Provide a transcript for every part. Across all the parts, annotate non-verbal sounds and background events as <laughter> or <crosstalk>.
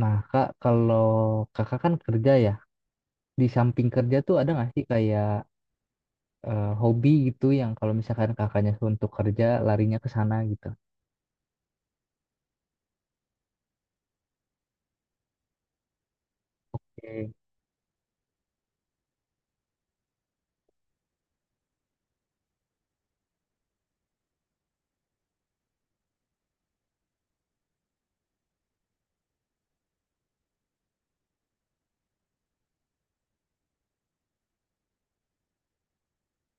Nah, Kak, kalau kakak kan kerja ya, di samping kerja tuh ada nggak sih kayak hobi gitu yang kalau misalkan kakaknya untuk kerja larinya ke sana gitu? Oke.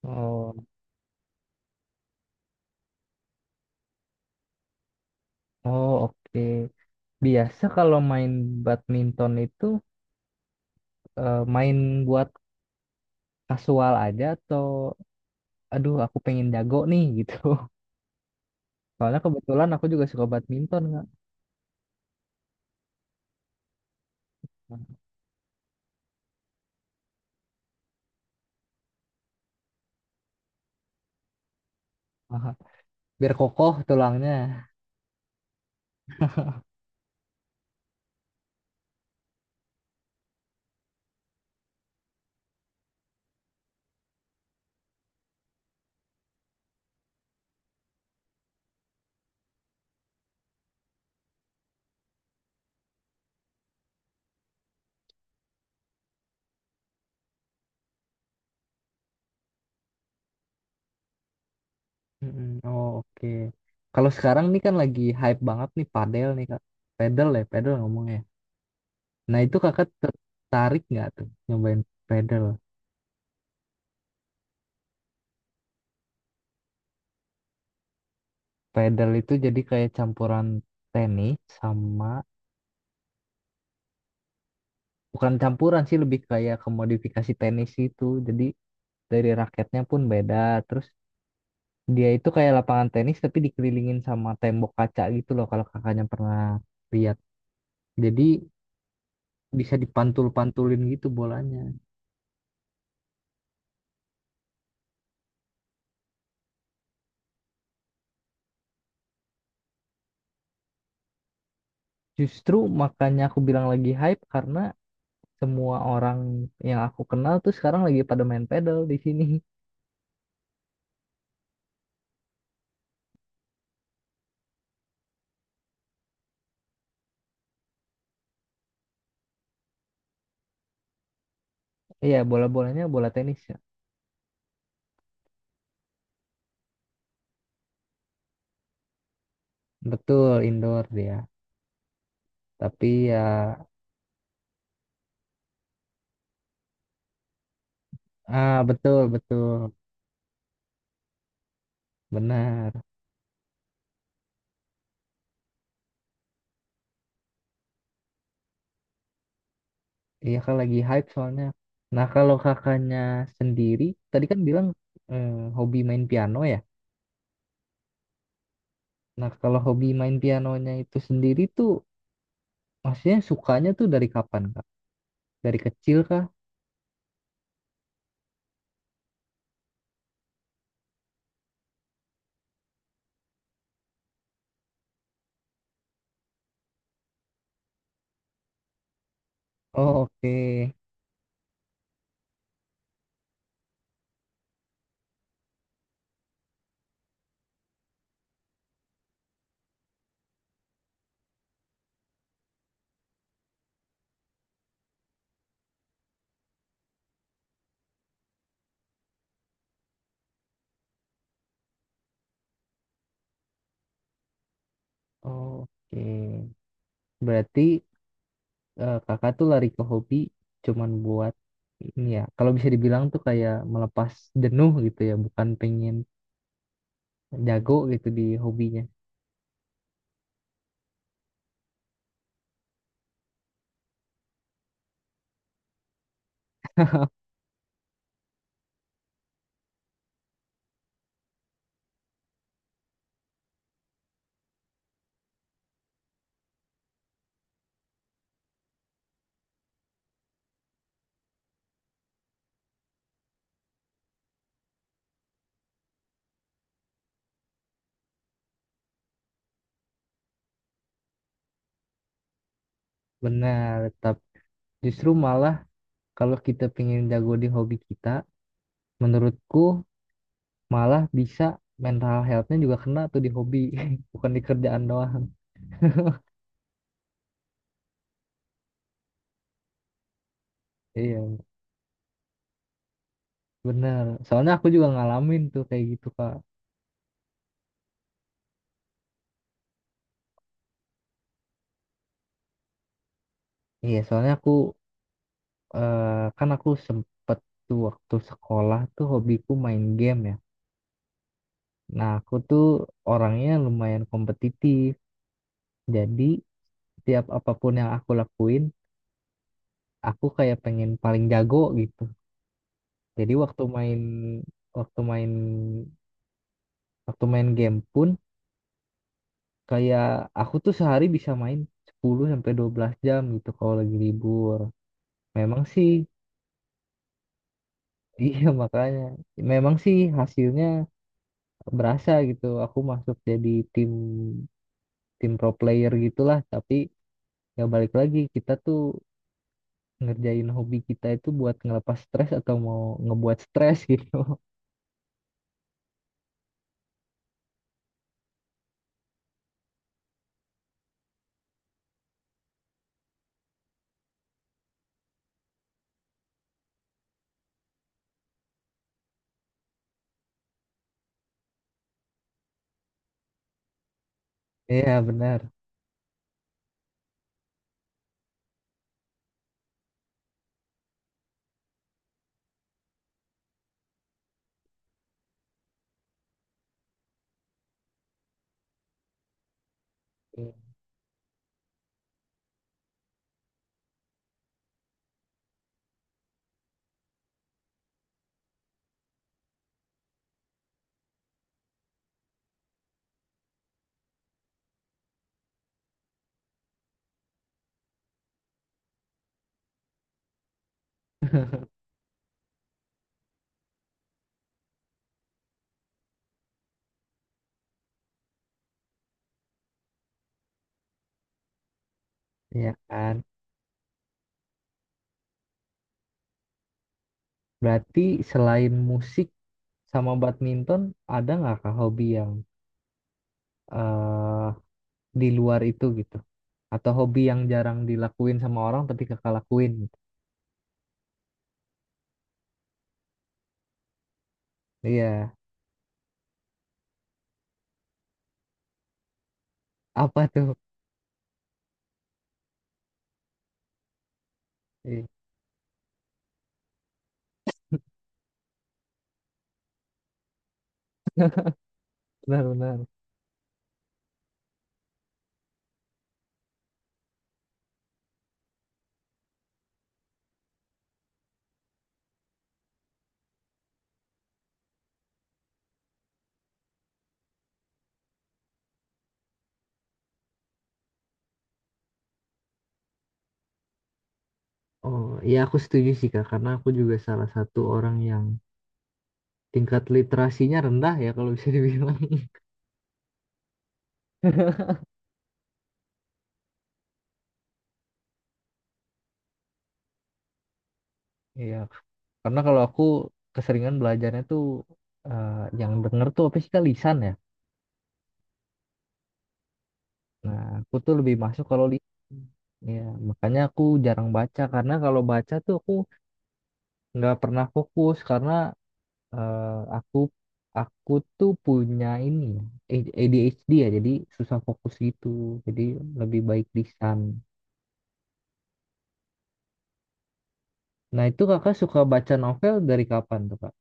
Oh. Oh, oke. Biasa kalau main badminton itu main buat kasual aja atau aduh aku pengen jago nih gitu. <laughs> Soalnya kebetulan aku juga suka badminton nggak. Biar kokoh tulangnya. Mm-mm. Oh, oke. Kalau sekarang nih kan lagi hype banget nih padel nih Kak. Padel ya, padel ngomongnya. Nah itu kakak tertarik nggak tuh nyobain padel? Padel itu jadi kayak campuran tenis sama bukan campuran sih, lebih kayak kemodifikasi tenis itu. Jadi dari raketnya pun beda. Terus dia itu kayak lapangan tenis tapi dikelilingin sama tembok kaca gitu loh, kalau kakaknya pernah lihat. Jadi bisa dipantul-pantulin gitu bolanya. Justru makanya aku bilang lagi hype karena semua orang yang aku kenal tuh sekarang lagi pada main pedal di sini. <laughs> Iya, bola-bolanya bola tenis ya. Betul, indoor dia. Tapi ya, ah betul, betul, benar. Iya kan lagi hype soalnya. Nah kalau kakaknya sendiri, tadi kan bilang eh, hobi main piano ya. Nah kalau hobi main pianonya itu sendiri tuh, maksudnya sukanya tuh dari kapan Kak? Dari kecil Kak. Oh, oke. Oh, oke. Berarti kakak tuh lari ke hobi cuman buat ini ya. Kalau bisa dibilang tuh kayak melepas jenuh gitu ya, bukan pengen jago gitu di hobinya. Benar, tapi justru malah kalau kita pengen jago di hobi kita, menurutku malah bisa mental health-nya juga kena tuh di hobi, <laughs> bukan di kerjaan doang. Iya, benar. Soalnya aku juga ngalamin tuh kayak gitu, Kak. Iya, soalnya aku kan aku sempet tuh waktu sekolah tuh hobiku main game ya. Nah, aku tuh orangnya lumayan kompetitif. Jadi, tiap apapun yang aku lakuin, aku kayak pengen paling jago gitu. Jadi, waktu main waktu main game pun kayak aku tuh sehari bisa main 10 sampai 12 jam gitu kalau lagi libur. Memang sih. <laughs> Iya makanya memang sih hasilnya berasa gitu. Aku masuk jadi tim tim pro player gitulah, tapi ya balik lagi kita tuh ngerjain hobi kita itu buat ngelepas stres atau mau ngebuat stres gitu. <laughs> Iya benar. Iya kan, berarti selain musik sama badminton ada nggak kah hobi yang eh di luar itu gitu, atau hobi yang jarang dilakuin sama orang tapi kakak lakuin gitu. Iya. Apa tuh? Iya, benar-benar. Oh, ya aku setuju sih Kak, karena aku juga salah satu orang yang tingkat literasinya rendah ya kalau bisa dibilang. <laughs> Iya, karena kalau aku keseringan belajarnya tuh eh, yang denger tuh apa sih Kak? Lisan ya. Nah, aku tuh lebih masuk kalau lisan. Ya, makanya aku jarang baca karena kalau baca tuh aku nggak pernah fokus karena eh, aku aku tuh punya ini ADHD ya, jadi susah fokus gitu. Jadi lebih baik lisan. Nah, itu Kakak suka baca novel dari kapan tuh, Kak?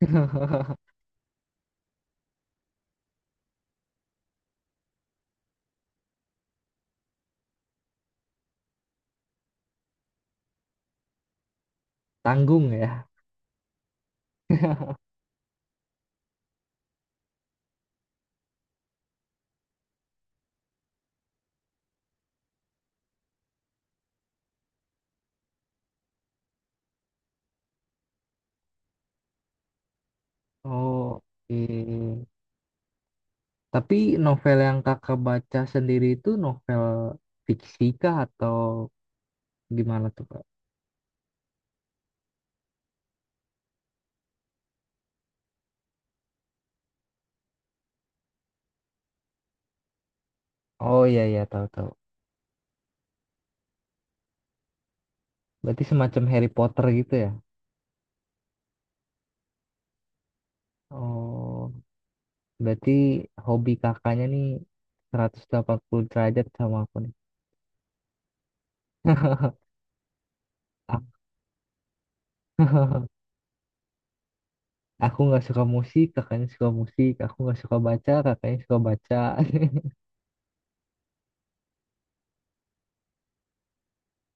<laughs> Tanggung ya. Oh, oke. Tapi novel yang kakak baca sendiri itu novel fiksi kah atau gimana tuh, Kak? Oh iya iya, tahu tahu. Berarti semacam Harry Potter gitu ya? Oh, berarti hobi kakaknya nih 180 derajat sama aku nih. <laughs> Aku <laughs> aku nggak suka musik, kakaknya suka musik. Aku nggak suka baca, kakaknya suka baca.